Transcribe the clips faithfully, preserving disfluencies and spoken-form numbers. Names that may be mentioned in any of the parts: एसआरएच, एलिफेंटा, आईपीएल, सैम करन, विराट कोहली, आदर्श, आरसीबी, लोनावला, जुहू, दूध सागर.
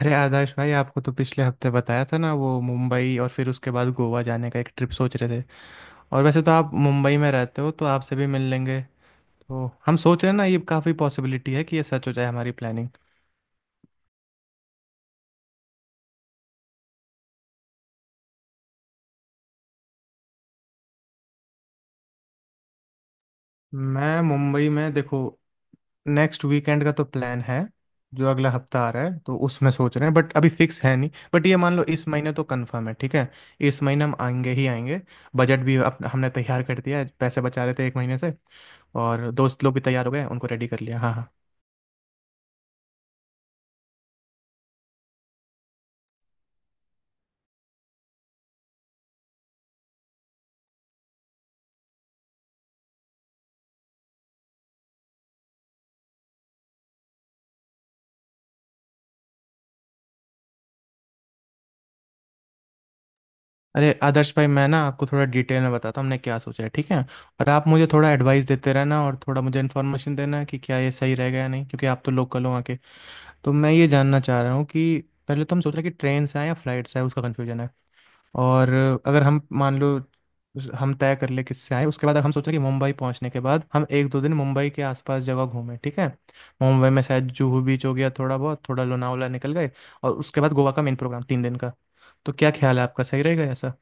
अरे आदर्श भाई आपको तो पिछले हफ्ते बताया था ना, वो मुंबई और फिर उसके बाद गोवा जाने का एक ट्रिप सोच रहे थे। और वैसे तो आप मुंबई में रहते हो तो आपसे भी मिल लेंगे। तो हम सोच रहे हैं ना, ये काफ़ी पॉसिबिलिटी है कि ये सच हो जाए हमारी प्लानिंग। मैं मुंबई में देखो, नेक्स्ट वीकेंड का तो प्लान है। जो अगला हफ्ता आ रहा है तो उसमें सोच रहे हैं, बट अभी फिक्स है नहीं, बट ये मान लो इस महीने तो कंफर्म है, ठीक है। इस महीने हम आएंगे ही आएंगे। बजट भी अप- हमने तैयार कर दिया है, पैसे बचा रहे थे एक महीने से। और दोस्त लोग भी तैयार हो गए, उनको रेडी कर लिया, हाँ हाँ। अरे आदर्श भाई, मैं ना आपको थोड़ा डिटेल में बताता हूँ हमने क्या सोचा है, ठीक है। और आप मुझे थोड़ा एडवाइस देते रहना और थोड़ा मुझे इन्फॉर्मेशन देना कि क्या ये सही रहेगा या नहीं, क्योंकि आप तो लोकल हो आके। तो मैं ये जानना चाह रहा हूँ कि पहले तो हम सोच रहे हैं कि ट्रेन से आए या फ्लाइट से आए, उसका कन्फ्यूजन है। और अगर हम मान लो, हम तय कर ले किससे आए, उसके बाद हम सोच रहे हैं कि मुंबई पहुंचने के बाद हम एक दो दिन मुंबई के आसपास जगह घूमें, ठीक है। मुंबई में शायद जुहू बीच हो गया, थोड़ा बहुत थोड़ा लोनावला निकल गए। और उसके बाद गोवा का मेन प्रोग्राम तीन दिन का। तो क्या ख्याल है आपका, सही रहेगा ऐसा?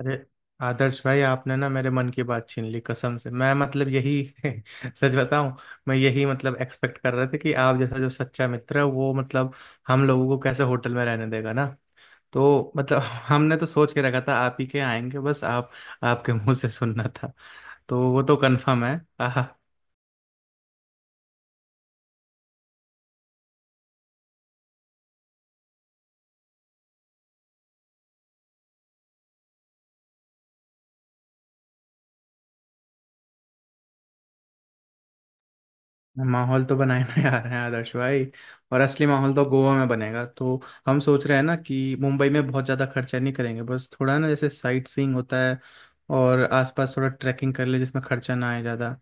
अरे आदर्श भाई, आपने ना मेरे मन की बात छीन ली, कसम से। मैं मतलब यही सच बताऊं, मैं यही मतलब एक्सपेक्ट कर रहे थे कि आप जैसा जो सच्चा मित्र है वो मतलब हम लोगों को कैसे होटल में रहने देगा ना। तो मतलब हमने तो सोच के रखा था आप ही के आएंगे, बस आप, आपके मुंह से सुनना था। तो वो तो कंफर्म है माहौल तो बनाए जा रहे हैं आदर्श भाई, और असली माहौल तो गोवा में बनेगा। तो हम सोच रहे हैं ना कि मुंबई में बहुत ज़्यादा खर्चा नहीं करेंगे, बस थोड़ा ना, जैसे साइट सीइंग होता है और आसपास थोड़ा ट्रैकिंग कर ले जिसमें खर्चा ना आए ज़्यादा।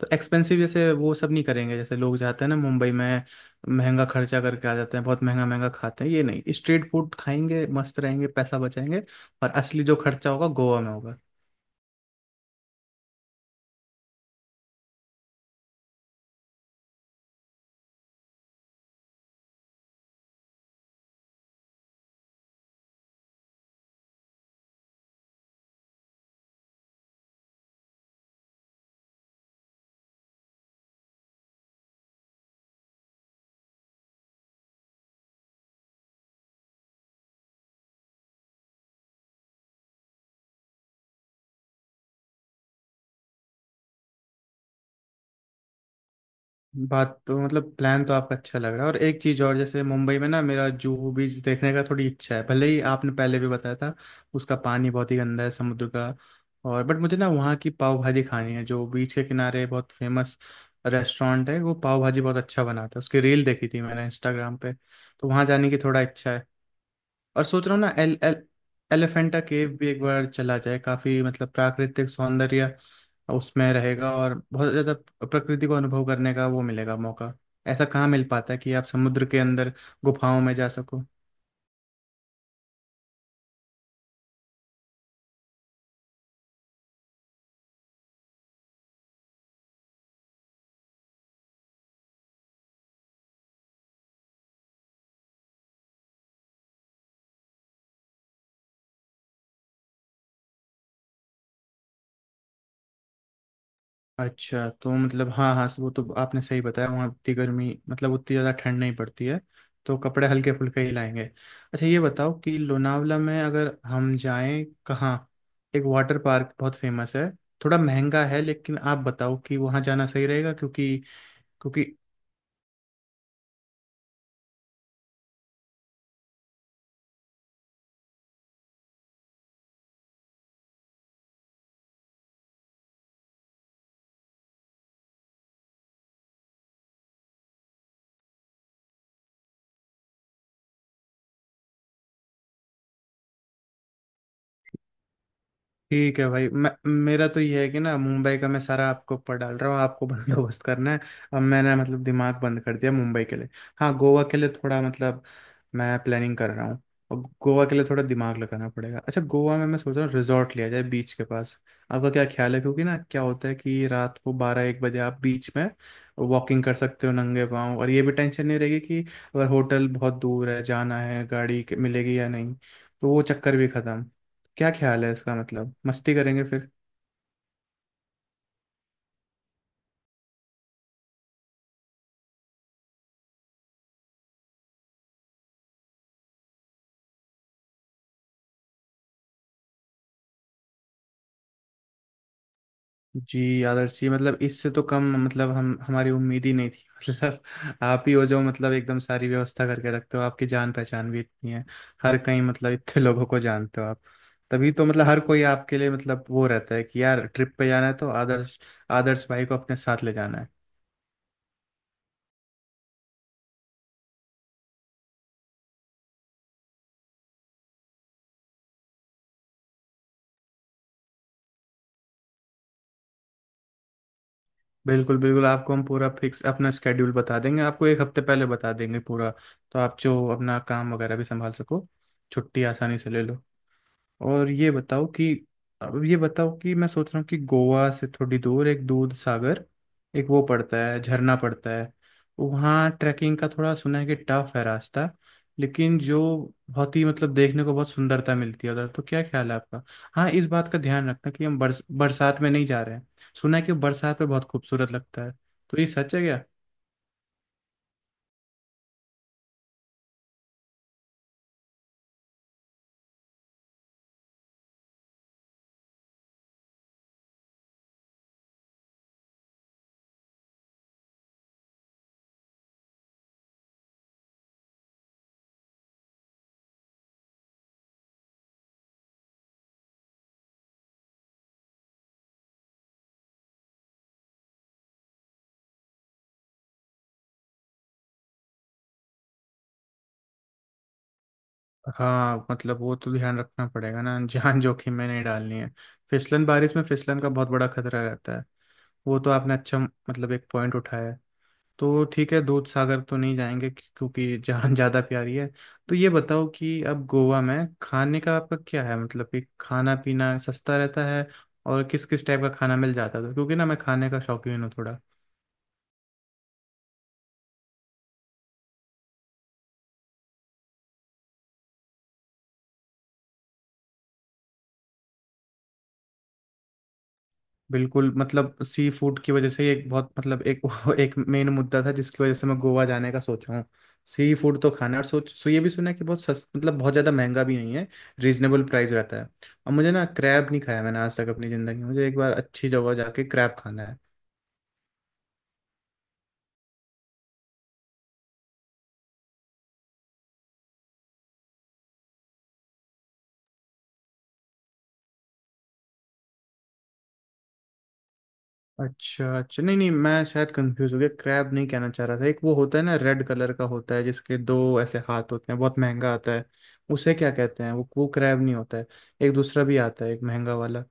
तो एक्सपेंसिव जैसे वो सब नहीं करेंगे, जैसे लोग जाते हैं ना मुंबई में, महंगा खर्चा करके आ जाते हैं, बहुत महंगा महंगा खाते हैं, ये नहीं, स्ट्रीट फूड खाएंगे, मस्त रहेंगे, पैसा बचाएंगे। और असली जो खर्चा होगा गोवा में होगा। बात तो मतलब प्लान तो आपका अच्छा लग रहा है। और एक चीज़ और, जैसे मुंबई में ना मेरा जुहू बीच देखने का थोड़ी इच्छा है, भले ही आपने पहले भी बताया था उसका पानी बहुत ही गंदा है समुद्र का। और बट मुझे ना वहाँ की पाव भाजी खानी है जो बीच के किनारे बहुत फेमस रेस्टोरेंट है, वो पाव भाजी बहुत अच्छा बनाता है, उसकी रील देखी थी मैंने इंस्टाग्राम पे। तो वहाँ जाने की थोड़ा इच्छा है। और सोच रहा हूँ ना, एल एल एलिफेंटा केव भी एक बार चला जाए, काफी मतलब प्राकृतिक सौंदर्य उसमें रहेगा और बहुत ज्यादा प्रकृति को अनुभव करने का वो मिलेगा मौका। ऐसा कहाँ मिल पाता है कि आप समुद्र के अंदर गुफाओं में जा सको। अच्छा तो मतलब हाँ हाँ, वो तो आपने सही बताया, वहाँ उतनी गर्मी मतलब उतनी ज़्यादा ठंड नहीं पड़ती है। तो कपड़े हल्के फुल्के ही लाएंगे। अच्छा ये बताओ कि लोनावला में अगर हम जाएं कहाँ, एक वाटर पार्क बहुत फेमस है, थोड़ा महंगा है, लेकिन आप बताओ कि वहाँ जाना सही रहेगा क्योंकि, क्योंकि ठीक है भाई। मैं, मेरा तो ये है कि ना, मुंबई का मैं सारा आपको ऊपर डाल रहा हूँ, आपको बंदोबस्त करना है। अब मैंने मतलब दिमाग बंद कर दिया मुंबई के लिए। हाँ, गोवा के लिए थोड़ा मतलब मैं प्लानिंग कर रहा हूँ, और गोवा के लिए थोड़ा दिमाग लगाना पड़ेगा। अच्छा, गोवा में मैं सोच रहा हूँ रिजॉर्ट लिया जाए बीच के पास। आपका क्या ख्याल है, क्योंकि ना क्या होता है कि रात को बारह एक बजे आप बीच में वॉकिंग कर सकते हो नंगे पाँव, और ये भी टेंशन नहीं रहेगी कि अगर होटल बहुत दूर है, जाना है, गाड़ी के- मिलेगी या नहीं, तो वो चक्कर भी खत्म। क्या ख्याल है इसका, मतलब मस्ती करेंगे फिर। जी आदर्श जी, मतलब इससे तो कम मतलब हम हमारी उम्मीद ही नहीं थी मतलब आप ही हो जो मतलब एकदम सारी व्यवस्था करके रखते हो, आपकी जान पहचान भी इतनी है हर कहीं, मतलब इतने लोगों को जानते हो आप। तभी तो मतलब हर कोई आपके लिए मतलब वो रहता है कि यार ट्रिप पे जाना है तो आदर्श आदर्श भाई को अपने साथ ले जाना है। बिल्कुल बिल्कुल, आपको हम पूरा फिक्स अपना स्केड्यूल बता देंगे, आपको एक हफ्ते पहले बता देंगे पूरा, तो आप जो अपना काम वगैरह भी संभाल सको, छुट्टी आसानी से ले लो। और ये बताओ कि, अब ये बताओ कि मैं सोच रहा हूँ कि गोवा से थोड़ी दूर एक दूध सागर, एक वो पड़ता है झरना पड़ता है। वहाँ ट्रैकिंग का थोड़ा सुना है कि टफ है रास्ता, लेकिन जो बहुत ही मतलब देखने को बहुत सुंदरता मिलती है उधर, तो क्या ख्याल है आपका? हाँ, इस बात का ध्यान रखना कि हम बरस, बरसात में नहीं जा रहे हैं। सुना है कि बरसात में बहुत खूबसूरत लगता है, तो ये सच है क्या? हाँ मतलब वो तो ध्यान रखना पड़ेगा ना, जान जोखिम में नहीं डालनी है। फिसलन, बारिश में फिसलन का बहुत बड़ा खतरा रहता है। वो तो आपने अच्छा, मतलब एक पॉइंट उठाया है। तो ठीक है, दूध सागर तो नहीं जाएंगे क्यो- क्योंकि जहाँ ज़्यादा प्यारी है। तो ये बताओ कि अब गोवा में खाने का आपका क्या है, मतलब कि खाना पीना सस्ता रहता है और किस किस टाइप का खाना मिल जाता है, क्योंकि ना मैं खाने का शौकीन हूँ थोड़ा। बिल्कुल, मतलब सी फूड की वजह से ही एक बहुत मतलब एक एक मेन मुद्दा था जिसकी वजह से मैं गोवा जाने का सोच रहा हूँ। सी फूड तो खाना है, और सोच सो ये भी सुना है कि बहुत सस मतलब बहुत ज़्यादा महंगा भी नहीं है, रीजनेबल प्राइस रहता है। और मुझे ना क्रैब नहीं खाया मैंने आज तक अपनी ज़िंदगी में, मुझे एक बार अच्छी जगह जाके क्रैब खाना है। अच्छा अच्छा, नहीं नहीं, मैं शायद कंफ्यूज हो गया, क्रैब नहीं कहना चाह रहा था। एक वो होता है ना, रेड कलर का होता है, जिसके दो ऐसे हाथ होते हैं, बहुत महंगा आता है। उसे क्या कहते हैं? वो वो क्रैब नहीं होता है, एक दूसरा भी आता है, एक महंगा वाला।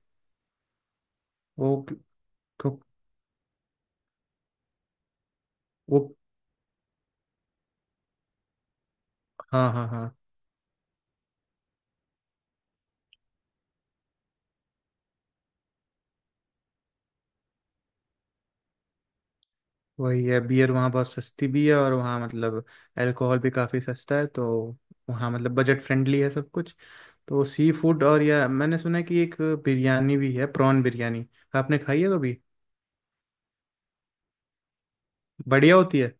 वो वो हाँ हाँ हाँ, वही है। बियर वहाँ बहुत सस्ती भी है, और वहाँ मतलब अल्कोहल भी काफ़ी सस्ता है, तो वहाँ मतलब बजट फ्रेंडली है सब कुछ। तो सी फूड, और या मैंने सुना है कि एक बिरयानी भी है, प्रॉन बिरयानी, आपने खाई है कभी? बढ़िया होती है।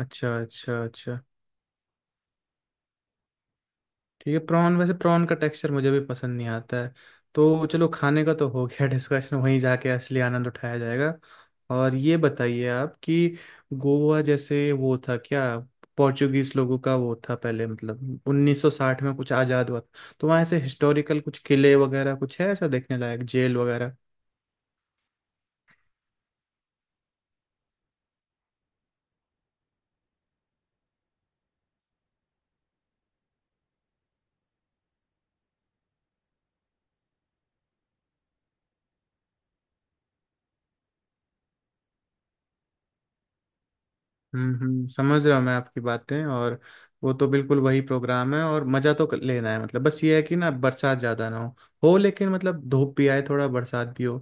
अच्छा अच्छा अच्छा, ठीक है। प्रॉन, वैसे प्रॉन का टेक्सचर मुझे भी पसंद नहीं आता है। तो चलो, खाने का तो हो गया डिस्कशन, वहीं जाके असली आनंद उठाया जाएगा। और ये बताइए आप कि गोवा, जैसे वो था क्या, पोर्चुगीज लोगों का वो था पहले, मतलब उन्नीस सौ साठ में कुछ आज़ाद हुआ था, तो वहाँ ऐसे हिस्टोरिकल कुछ किले वगैरह कुछ है ऐसा देखने लायक, जेल वगैरह? हम्म हम्म, समझ रहा हूँ मैं आपकी बातें, और वो तो बिल्कुल वही प्रोग्राम है और मज़ा तो कर- लेना है। मतलब बस ये है कि ना, बरसात ज़्यादा ना हो हो लेकिन मतलब धूप भी आए थोड़ा बरसात भी हो।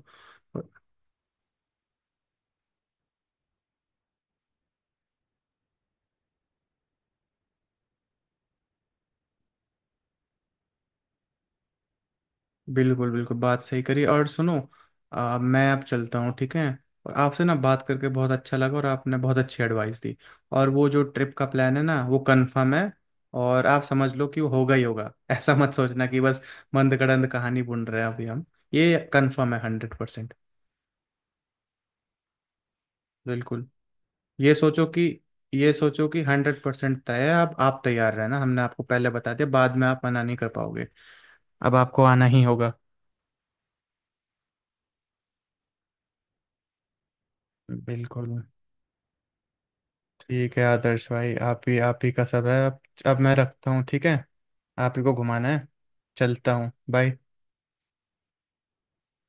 बिल्कुल बिल्कुल, बात सही करी। और सुनो, आ, मैं अब चलता हूँ, ठीक है। और आपसे ना बात करके बहुत अच्छा लगा, और आपने बहुत अच्छी एडवाइस दी। और वो जो ट्रिप का प्लान है ना, वो कंफर्म है, और आप समझ लो कि वो होगा ही होगा ऐसा मत सोचना कि बस मंदकड़ंद कहानी बुन रहे हैं अभी हम। ये कंफर्म है, हंड्रेड परसेंट। बिल्कुल, ये सोचो कि, ये सोचो कि हंड्रेड परसेंट तय है। आप आप तैयार रहना, हमने आपको पहले बता दिया, बाद में आप मना नहीं कर पाओगे। अब आपको आना ही होगा। बिल्कुल। ठीक है आदर्श भाई, आप ही आप ही का सब है अब। अब मैं रखता हूँ, ठीक है। आप ही को घुमाना है। चलता हूँ, बाय।